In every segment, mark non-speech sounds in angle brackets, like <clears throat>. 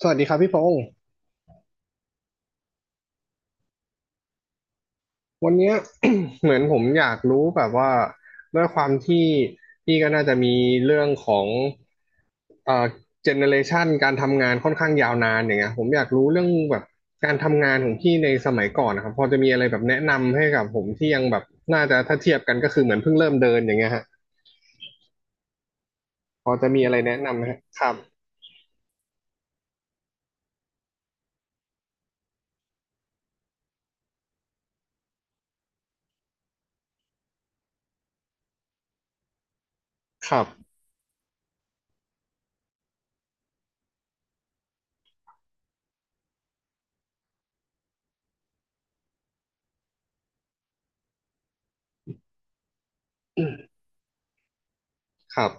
สวัสดีครับพี่พงศ์วันเนี้ย <coughs> <clears throat> เหมือนผมอยากรู้แบบว่าด้วยความที่พี่ก็น่าจะมีเรื่องของเอ่อเจเนเรชันการทำงานค่อนข้างยาวนานอย่างเงี้ยผมอยากรู้เรื่องแบบการทำงานของพี่ในสมัยก่อนนะครับพอจะมีอะไรแบบแนะนำให้กับผมที่ยังแบบน่าจะถ้าเทียบกันก็คือเหมือนเพิ่งเริ่มเดินอย่างเงี้ยฮะพอจะมีอะไรแนะนำไหมฮะครับครับ <clears throat> ครับ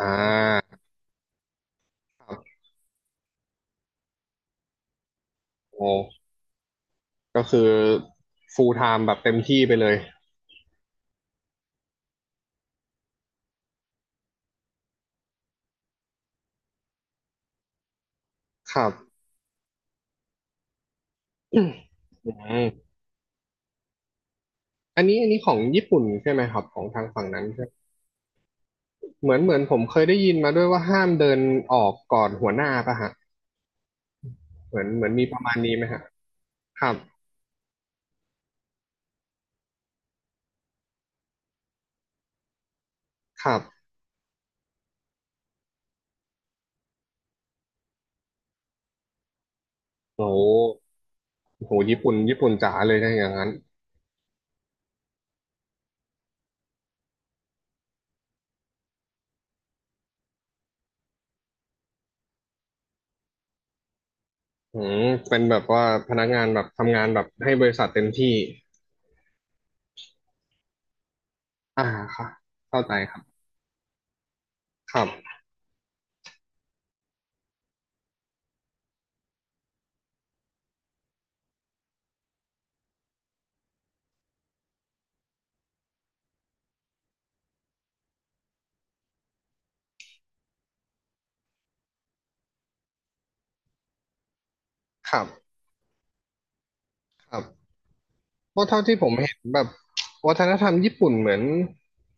อ่าครับโอ้ก็คือ full time แบบเต็มที่ไปเลยครับ <clears throat> อืมอันนี้ของญี่ปุ่นใช่ไหมครับของทางฝั่งนั้นใช่ไหมเหมือนผมเคยได้ยินมาด้วยว่าห้ามเดินออกก่อนหัวหน้าป่ะฮะเหมือนมีประมาณนี้ไหมฮะครับครับโอ้โหโหญี่ปุ่นญี่ปุ่นจ๋าเลยนะอย่างนั้นอืมเป็นแบบว่าพนักงานแบบทำงานแบบให้บริษัทเต็มที่อ่าค่ะเข้าใจครับครับครับครับ เพราะเท่าที่ผมเห็นแบบวัฒนธรรมญี่ปุ่นเหมือน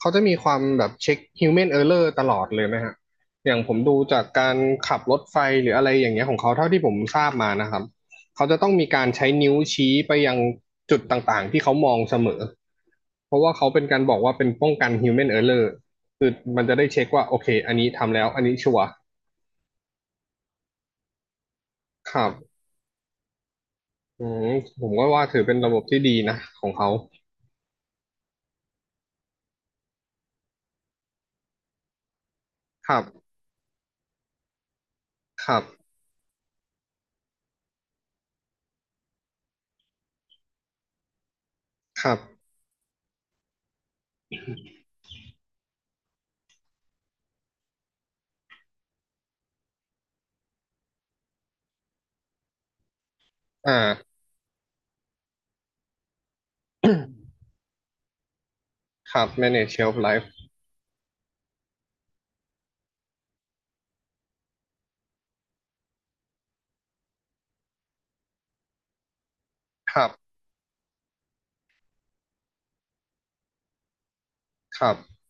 เขาจะมีความแบบเช็ค human error ตลอดเลยนะฮะอย่างผมดูจากการขับรถไฟหรืออะไรอย่างเงี้ยของเขาเท่าที่ผมทราบมานะครับเขาจะต้องมีการใช้นิ้วชี้ไปยังจุดต่างๆที่เขามองเสมอเพราะว่าเขาเป็นการบอกว่าเป็นป้องกัน human error คือมันจะได้เช็คว่าโอเคอันนี้ทำแล้วอันนี้ชัวร์ครับอืมผมก็ว่าถือเป็นระบบที่ดีนะของเขาครับครับครับอ่า ครับ manage shelf life ครับครับ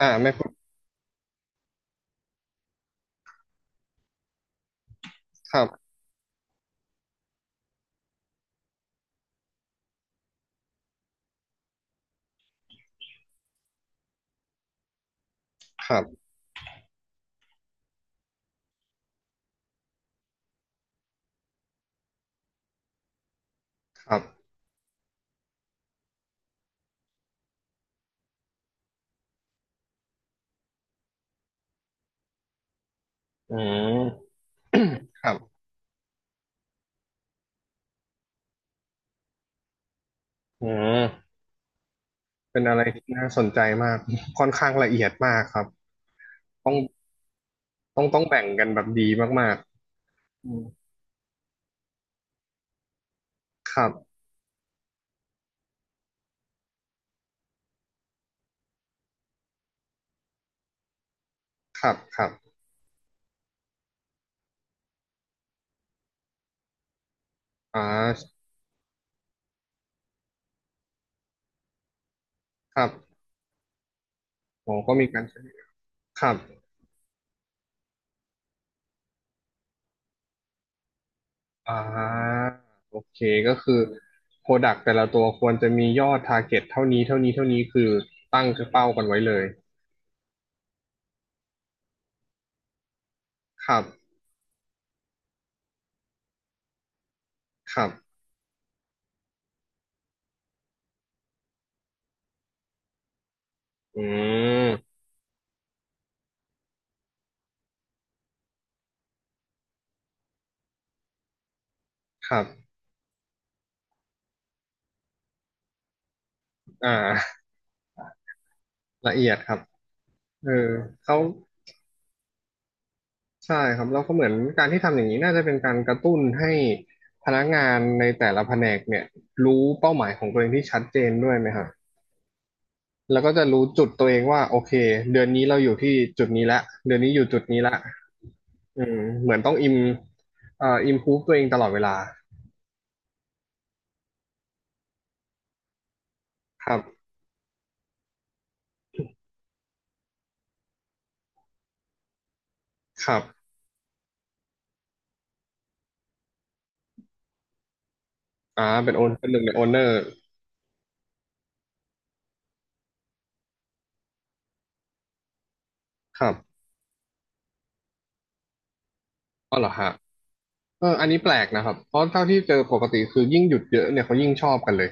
อ่าไม่พูดครับครับครับ อืม <coughs> ครับ อืม เป็นอะไรที่น่าสนใจมาก ค่อนข้างละเอียดมากครับ ต้องต้องแบ่งกันแบบดีมากๆอืมครับครับ ครับอ่าครับผมก็มีการใช้ครับอ่าโอเค ก็คือ Product แต่ละตัวควรจะมียอด Target เท่านี้ เท่านี้ เท่านี้คือตั้งเป้ากันไว้เลยครับครับอืมครับ อ่าละเอียดครับเออเขาใช่ครับแล้วก็เหมือนการที่ทำอย่างนี้น่าจะเป็นการกระตุ้นให้พนักงานในแต่ละแผนกเนี่ยรู้เป้าหมายของตัวเองที่ชัดเจนด้วยไหมฮะแล้วก็จะรู้จุดตัวเองว่าโอเคเดือนนี้เราอยู่ที่จุดนี้ละเดือนนี้อยู่จุดนี้ละอืมเหมือนต้องอิมพูฟตัวเองตลอดเวลาครับครับอ่าเป็นโอนเป็นหนึ่งในโอนเนอร์ครับอ๋อเหรอฮะเอออันนี้แปลกนะครับเพราะเท่าที่เจอปกติคือยิ่งหยุดเยอะเนี่ยเขายิ่งชอบกันเลย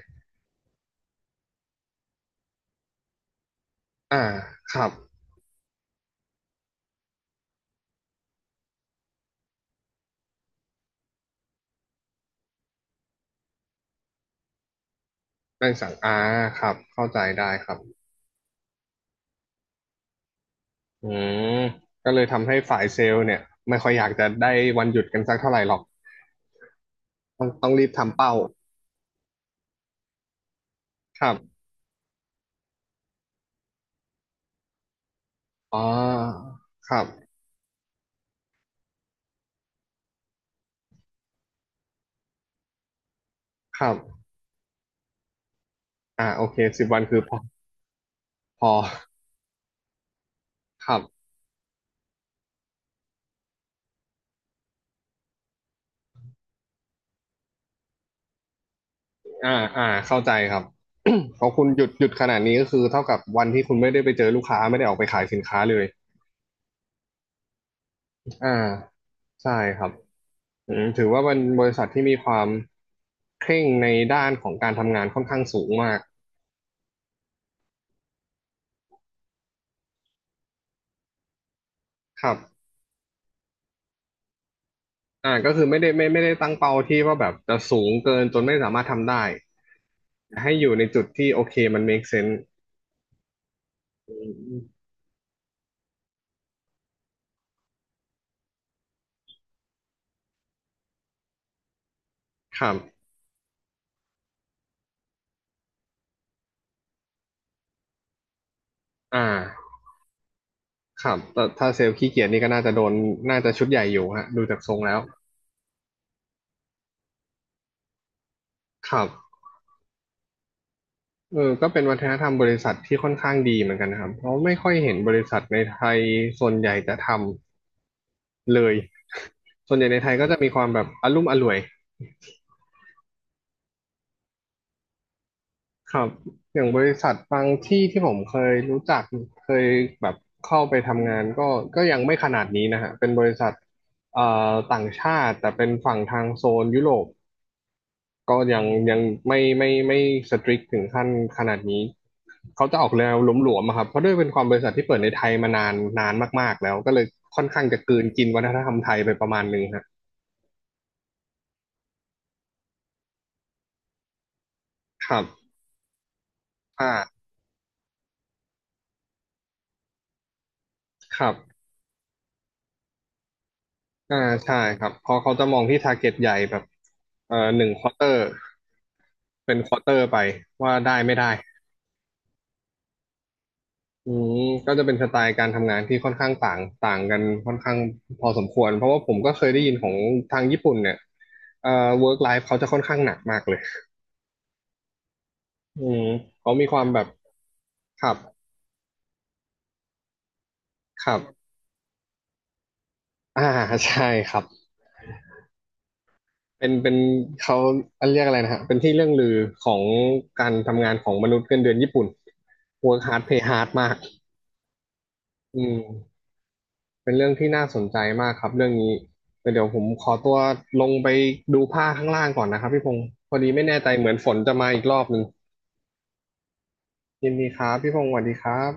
อ่าครับแบ่งสั่งอ่าครับ เข้าใจได้ครับอืมก็เลยทำให้ฝ่ายเซลล์เนี่ยไม่ค่อยอยากจะได้วันหยุดกันสักเท่าไหร่หรอกต้องรีบทำเป้าครับอ๋อครับ ครับอ่าโอเคสิบวันคือพอพอครับอ่าอ่าเข้าใจครับ <coughs> พองคุณหยุดหยุดขนาดนี้ก็คือเท่ากับวันที่คุณไม่ได้ไปเจอลูกค้าไม่ได้ออกไปขายสินค้าเลยอ่าใช่ครับอืมถือว่าเป็นบริษัทที่มีความเคร่งในด้านของการทำงานค่อนข้างสูงมาก ครับอ่าก็คือไม่ได้ตั้งเป้าที่ว่าแบบจะสูงเกินจนไม่สามารถทำได้ ให้อยู่ในจุดที่โอเคมัน make sense อืมครับอ่าครับแต่ถ้าเซลล์ขี้เกียจนี่ก็น่าจะโดน น่าจะชุดใหญ่อยู่ฮะดูจากทรงแล้วครับเออก็เป็นวัฒนธรรมบริษัทที่ค่อนข้างดีเหมือนกันนะครับเพราะไม่ค่อยเห็นบริษัทในไทยส่วนใหญ่จะทำเลยส่วนใหญ่ในไทยก็จะมีความแบบอลุ่มอล่วย ครับอย่างบริษัทบางที่ที่ผมเคยรู้จักเคยแบบเข้าไปทำงานก็ยังไม่ขนาดนี้นะฮะเป็นบริษัทเอ่ต่างชาติแต่เป็นฝั่งทางโซนยุโรปก็ยังไม่สตริกถึงขั้นขนาดนี้เขาจะออกแนวหลวมๆอะครับเพราะด้วยเป็นความบริษัทที่เปิดในไทยมานานนานมากๆแล้วก็เลยค่อนข้างจะกลืนกินวัฒนธรรมไทยไปประมาณหนึงฮะครับอ่าครับอ่าใช่ครับเพราะเขาจะมองที่ target ใหญ่แบบหนึ่งควอเตอร์ เป็นควอเตอร์ไปว่าได้ไม่ได้อืมก็จะเป็นสไตล์การทำงานที่ค่อนข้างต่างต่างกันค่อนข้างพอสมควรเพราะว่าผมก็เคยได้ยินของทางญี่ปุ่นเนี่ยเอ่อ work life เขาจะค่อนข้างหนักมากเลยอืมเขามีความแบบครับครับ อ่าใช่ครับ เป็นเขาเรียกอะไรนะฮะเป็นที่เรื่องลือของการทำงานของมนุษย์เงินเดือนญี่ปุ่น work hard pay hard มากอืม เป็นเรื่องที่น่าสนใจมากครับเรื่องนี้แต่เดี๋ยวผมขอตัวลงไปดูผ้าข้างล่างก่อนนะครับพี่พงศ์พอดีไม่แน่ใจเหมือนฝนจะมาอีกรอบหนึ่งยินดีครับพี่พงศ์สวัสดีครับ